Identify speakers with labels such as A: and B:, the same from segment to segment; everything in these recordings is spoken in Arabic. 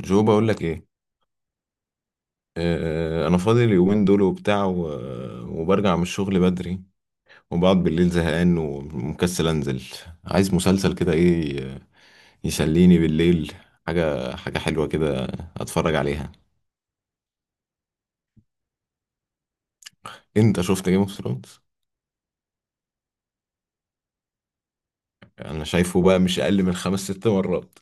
A: جو، بقول لك ايه؟ انا فاضي اليومين دول وبتاع وبرجع من الشغل بدري، وبقعد بالليل زهقان ومكسل انزل. عايز مسلسل كده، ايه يسليني بالليل؟ حاجه حلوه كده اتفرج عليها. انت شفت جيم اوف ثرونز؟ انا شايفه بقى مش اقل من 5 6 مرات.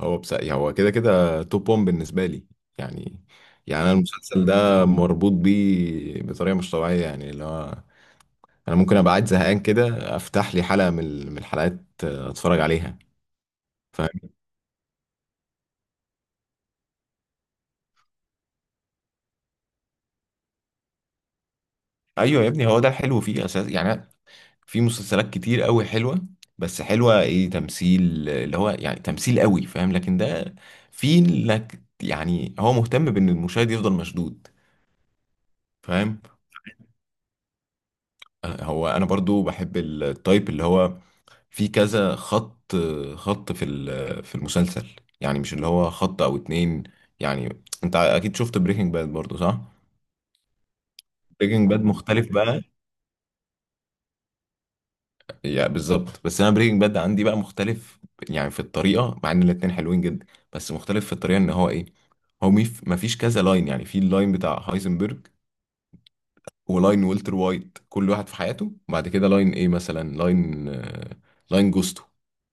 A: هو بس هو كده كده توب 1 بالنسبه لي يعني. انا المسلسل ده مربوط بيه بطريقه مش طبيعيه يعني اللي هو، انا ممكن ابقى قاعد زهقان كده افتح لي حلقه من الحلقات، اتفرج عليها. فاهم؟ ايوه يا ابني، هو ده الحلو فيه اساس يعني. في مسلسلات كتير قوي حلوه، بس حلوه ايه؟ تمثيل اللي هو يعني تمثيل قوي فاهم، لكن ده في لك يعني، هو مهتم بان المشاهد يفضل مشدود. فاهم؟ هو انا برضو بحب التايب اللي هو في كذا خط في المسلسل. يعني مش اللي هو خط او اتنين. يعني انت اكيد شفت بريكنج باد برضو، صح؟ بريكنج باد مختلف بقى. يعني بالظبط، بس انا بريكنج باد عندي بقى مختلف. يعني في الطريقه، مع ان الاتنين حلوين جدا، بس مختلف في الطريقه ان هو ايه. هو مفيش كذا لاين يعني، في اللاين بتاع هايزنبرج، ولاين والتر وايت، كل واحد في حياته. وبعد كده لاين ايه مثلا؟ لاين لاين جوستو،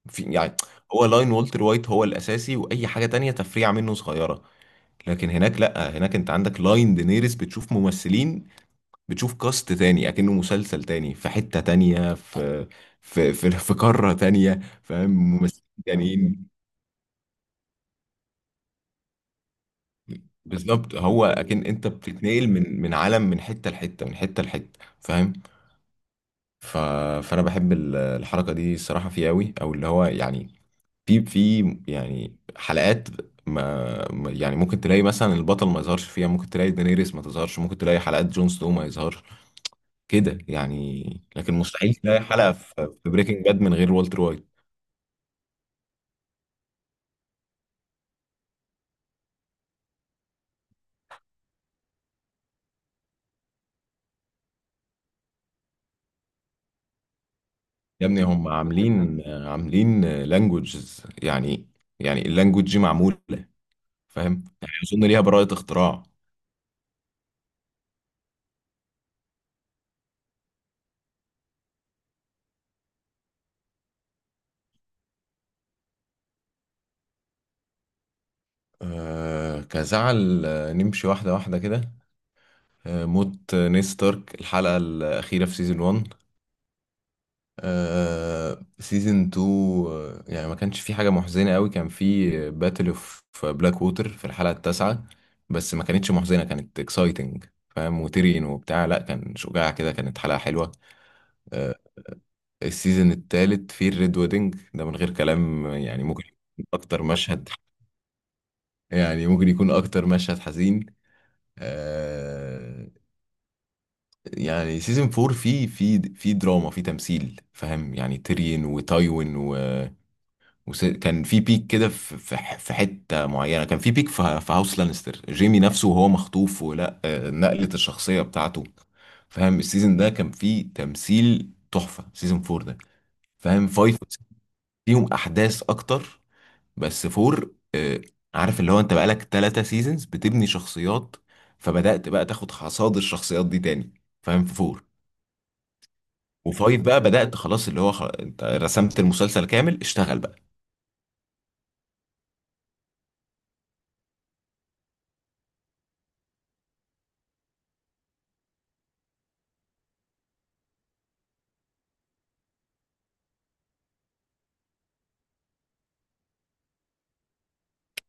A: في يعني. هو لاين والتر وايت هو الاساسي، واي حاجه تانية تفريعه منه صغيره. لكن هناك، لا، هناك انت عندك لاين دينيريس، بتشوف ممثلين، بتشوف كاست تاني، اكنه مسلسل تاني في حتة تانية، في قارة تانية، فاهم؟ ممثلين تانيين. بالظبط، هو اكن انت بتتنقل من عالم، من حتة لحتة، من حتة لحتة. فاهم؟ ف... فانا بحب الحركة دي الصراحة فيه قوي، او اللي هو يعني، في يعني حلقات، يعني ممكن تلاقي مثلا البطل ما يظهرش فيها، ممكن تلاقي دانيريس ما تظهرش، ممكن تلاقي حلقات جون سنو ما يظهرش كده يعني. لكن مستحيل تلاقي حلقة في بريكنج باد من غير والتر وايت. يا ابني، هم عاملين لانجوجز يعني. يعني اللانجوج دي معمولة، فاهم؟ يعني أظن ليها براءة اختراع. كزعل. نمشي واحدة واحدة كده. موت نيد ستارك الحلقة الأخيرة في سيزون 1. سيزون 2. يعني ما كانش في حاجة محزنة قوي، كان في باتل اوف بلاك ووتر في الحلقة التاسعة. بس ما كانتش محزنة، كانت اكسايتنج فاهم، وتيرين وبتاع، لا كان شجاع كده، كانت حلقة حلوة. آه السيزون التالت في الريد ويدنج ده من غير كلام، يعني ممكن يكون اكتر مشهد، يعني ممكن يكون اكتر مشهد حزين. آه يعني سيزون 4 فيه في دراما، في تمثيل فاهم يعني، تيرين وتايوين. وكان في بيك كده في حته معينه، كان في بيك في هاوس لانستر، جيمي نفسه وهو مخطوف، ولا نقله الشخصيه بتاعته. فاهم، السيزون ده كان فيه تمثيل تحفه، سيزون فور ده. فاهم؟ فايف فيهم احداث اكتر، بس فور، عارف اللي هو، انت بقالك 3 سيزونز بتبني شخصيات، فبدات بقى تاخد حصاد الشخصيات دي تاني، فاهم؟ في فور وفايف بقى بدات خلاص، اللي هو انت رسمت المسلسل كامل، اشتغل بقى.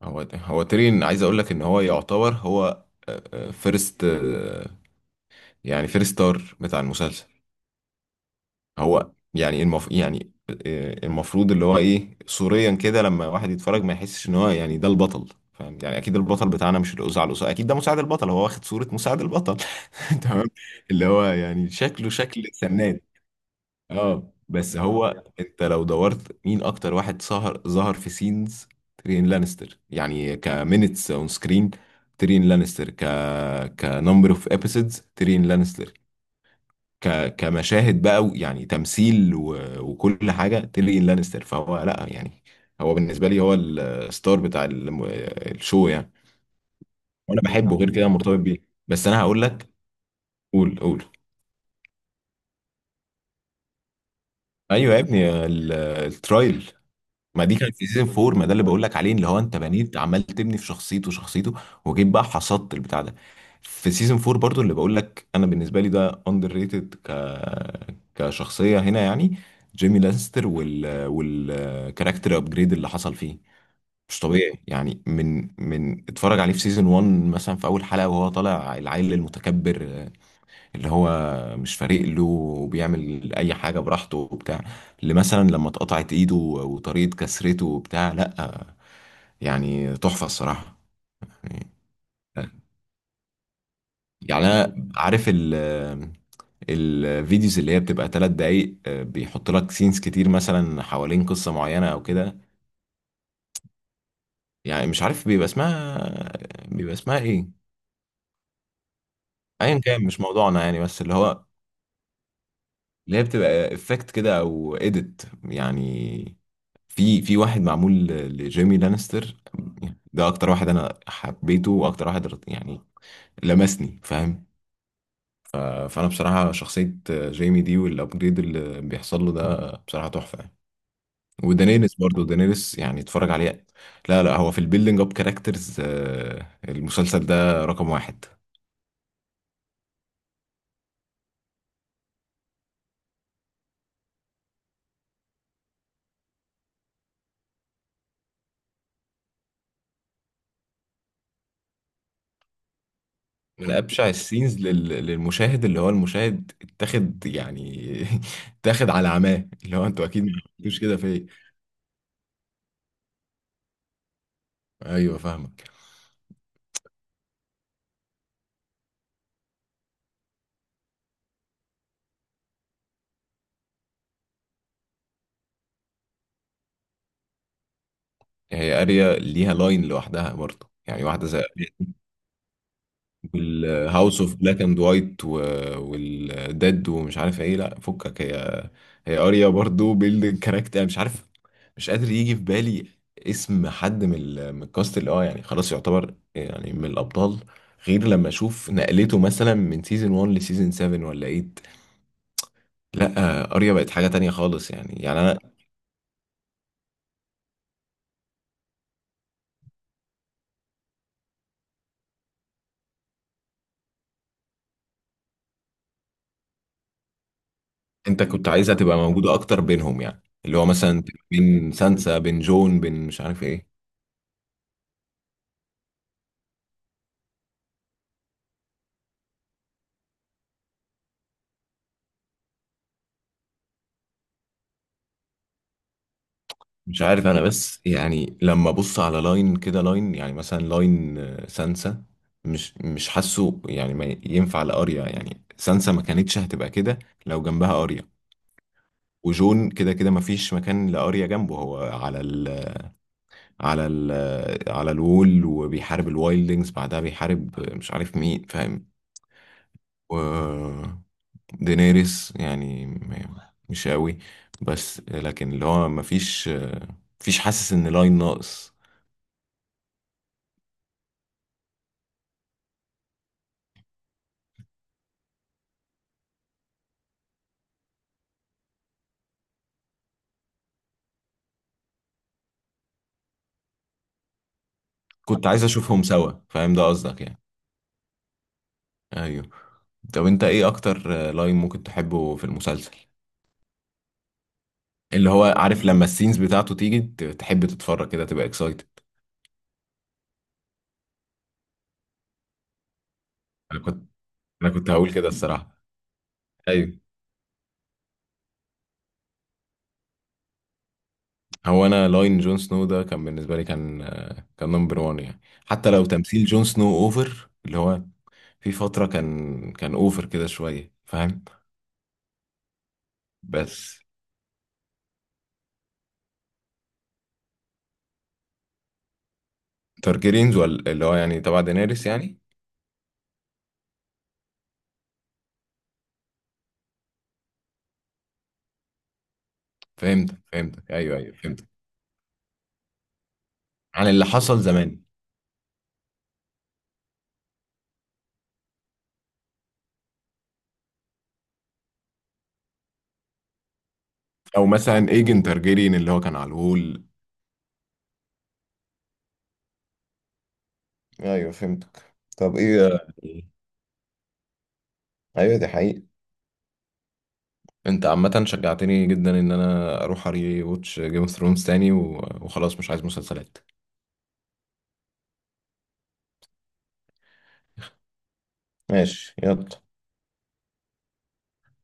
A: هو تيرين، عايز اقول لك ان هو يعتبر هو فيرست، يعني فيرست ستار بتاع المسلسل. هو يعني المفروض اللي هو ايه صوريا كده، لما واحد يتفرج ما يحسش ان هو يعني ده البطل، فاهم؟ يعني اكيد البطل بتاعنا مش الاذاعه، الاذاعه اكيد ده مساعد البطل، هو واخد صوره مساعد البطل. تمام. اللي هو يعني شكله شكل سناد. اه، بس يا نهار هو أبيض، انت لو دورت مين اكتر واحد سهر ظهر في سينز، تيريون لانستر، يعني كمينتس اون سكرين تيريون لانستر، كنمبر اوف ابيسودز تيريون لانستر، كمشاهد بقى يعني تمثيل وكل حاجه تيريون لانستر. فهو لا يعني، هو بالنسبه لي هو الستار بتاع الشو يعني. وانا بحبه، طب غير كده مرتبط بيه، بس انا هقول لك. قول قول. ايوه يا ابني، الترايل. ما دي كانت في سيزون فور، ما ده اللي بقول لك عليه، اللي هو انت بنيت، عمال تبني في شخصيته شخصيته، وجيت بقى حصدت البتاع ده. في سيزون فور برضو اللي بقول لك، انا بالنسبه لي ده اندر ريتد كشخصيه هنا يعني، جيمي لانستر، والكاركتر ابجريد اللي حصل فيه مش طبيعي يعني، من اتفرج عليه في سيزون 1 مثلا في اول حلقه، وهو طالع العيل المتكبر اللي هو مش فارق له وبيعمل اي حاجه براحته وبتاع. اللي مثلا لما اتقطعت ايده وطريقه كسرته وبتاع، لا يعني تحفه الصراحه. يعني يعني انا عارف الفيديوز اللي هي بتبقى 3 دقايق، بيحط لك سينز كتير مثلا حوالين قصه معينه او كده. يعني مش عارف بيبقى اسمها ايه. ايا كان، مش موضوعنا يعني، بس اللي هو، اللي هي بتبقى افكت كده او اديت يعني، في واحد معمول لجيمي لانستر. يعني ده اكتر واحد انا حبيته، واكتر واحد يعني لمسني فاهم. فانا بصراحه، شخصيه جيمي دي والابجريد اللي بيحصل له ده بصراحه تحفه يعني. ودانيريس برضه، دانيريس يعني اتفرج عليه. لا لا، هو في البيلدينج اب كاركترز، المسلسل ده رقم واحد. من ابشع السينز للمشاهد، اللي هو المشاهد اتاخد يعني. اتاخد على عماه، اللي هو انتوا اكيد ما عملتوش كده في ايه. ايوه فاهمك. هي اريا ليها لاين لوحدها برضه يعني، واحده زي والهاوس اوف بلاك اند وايت والديد ومش عارف ايه، لا فكك. هي اريا برضو بيلد كاركتر مش عارف، مش قادر يجي في بالي اسم حد من الكاست اللي اه يعني خلاص يعتبر يعني من الابطال، غير لما اشوف نقلته مثلا من سيزون 1 لسيزون 7 ولا 8. لا اريا بقت حاجة تانية خالص يعني انا. انت كنت عايزها تبقى موجودة اكتر بينهم يعني، اللي هو مثلا بين سانسا، بين جون، بين مش عارف ايه. مش عارف انا، بس يعني لما ابص على لاين كده، لاين يعني مثلا لاين سانسا، مش حاسه يعني، ما ينفع لاريا يعني، سانسا ما كانتش هتبقى كده لو جنبها اريا. وجون كده كده ما فيش مكان لاريا جنبه، هو على ال على الوول وبيحارب الوايلدنجز، بعدها بيحارب مش عارف مين فاهم. و دينيريس يعني مش قوي، بس لكن اللي هو ما فيش آه، مفيش حاسس ان لاين ناقص. كنت عايز اشوفهم سوا، فاهم ده قصدك يعني. ايوه. طب انت ايه اكتر لاين ممكن تحبه في المسلسل؟ اللي هو عارف لما السينز بتاعته تيجي تحب تتفرج كده تبقى اكسايتد. انا كنت انا كنت هقول كده الصراحه. ايوه. هو انا لاين جون سنو ده كان بالنسبه لي، كان كان نمبر 1 يعني، حتى لو تمثيل جون سنو اوفر اللي هو، في فتره كان اوفر كده شويه فاهم. بس تارجيرينز ولا اللي هو يعني تبع دينيريس يعني. فهمتك فهمتك، ايوه ايوه فهمتك، عن اللي حصل زمان، او مثلا ايجن تارجيريان اللي هو كان على الهول. ايوه فهمتك طب ايه يعني. ايوه دي حقيقة. انت عامة شجعتني جدا ان انا اروح اري واتش جيم اوف ثرونز تاني، وخلاص مش عايز مسلسلات. ماشي يلا.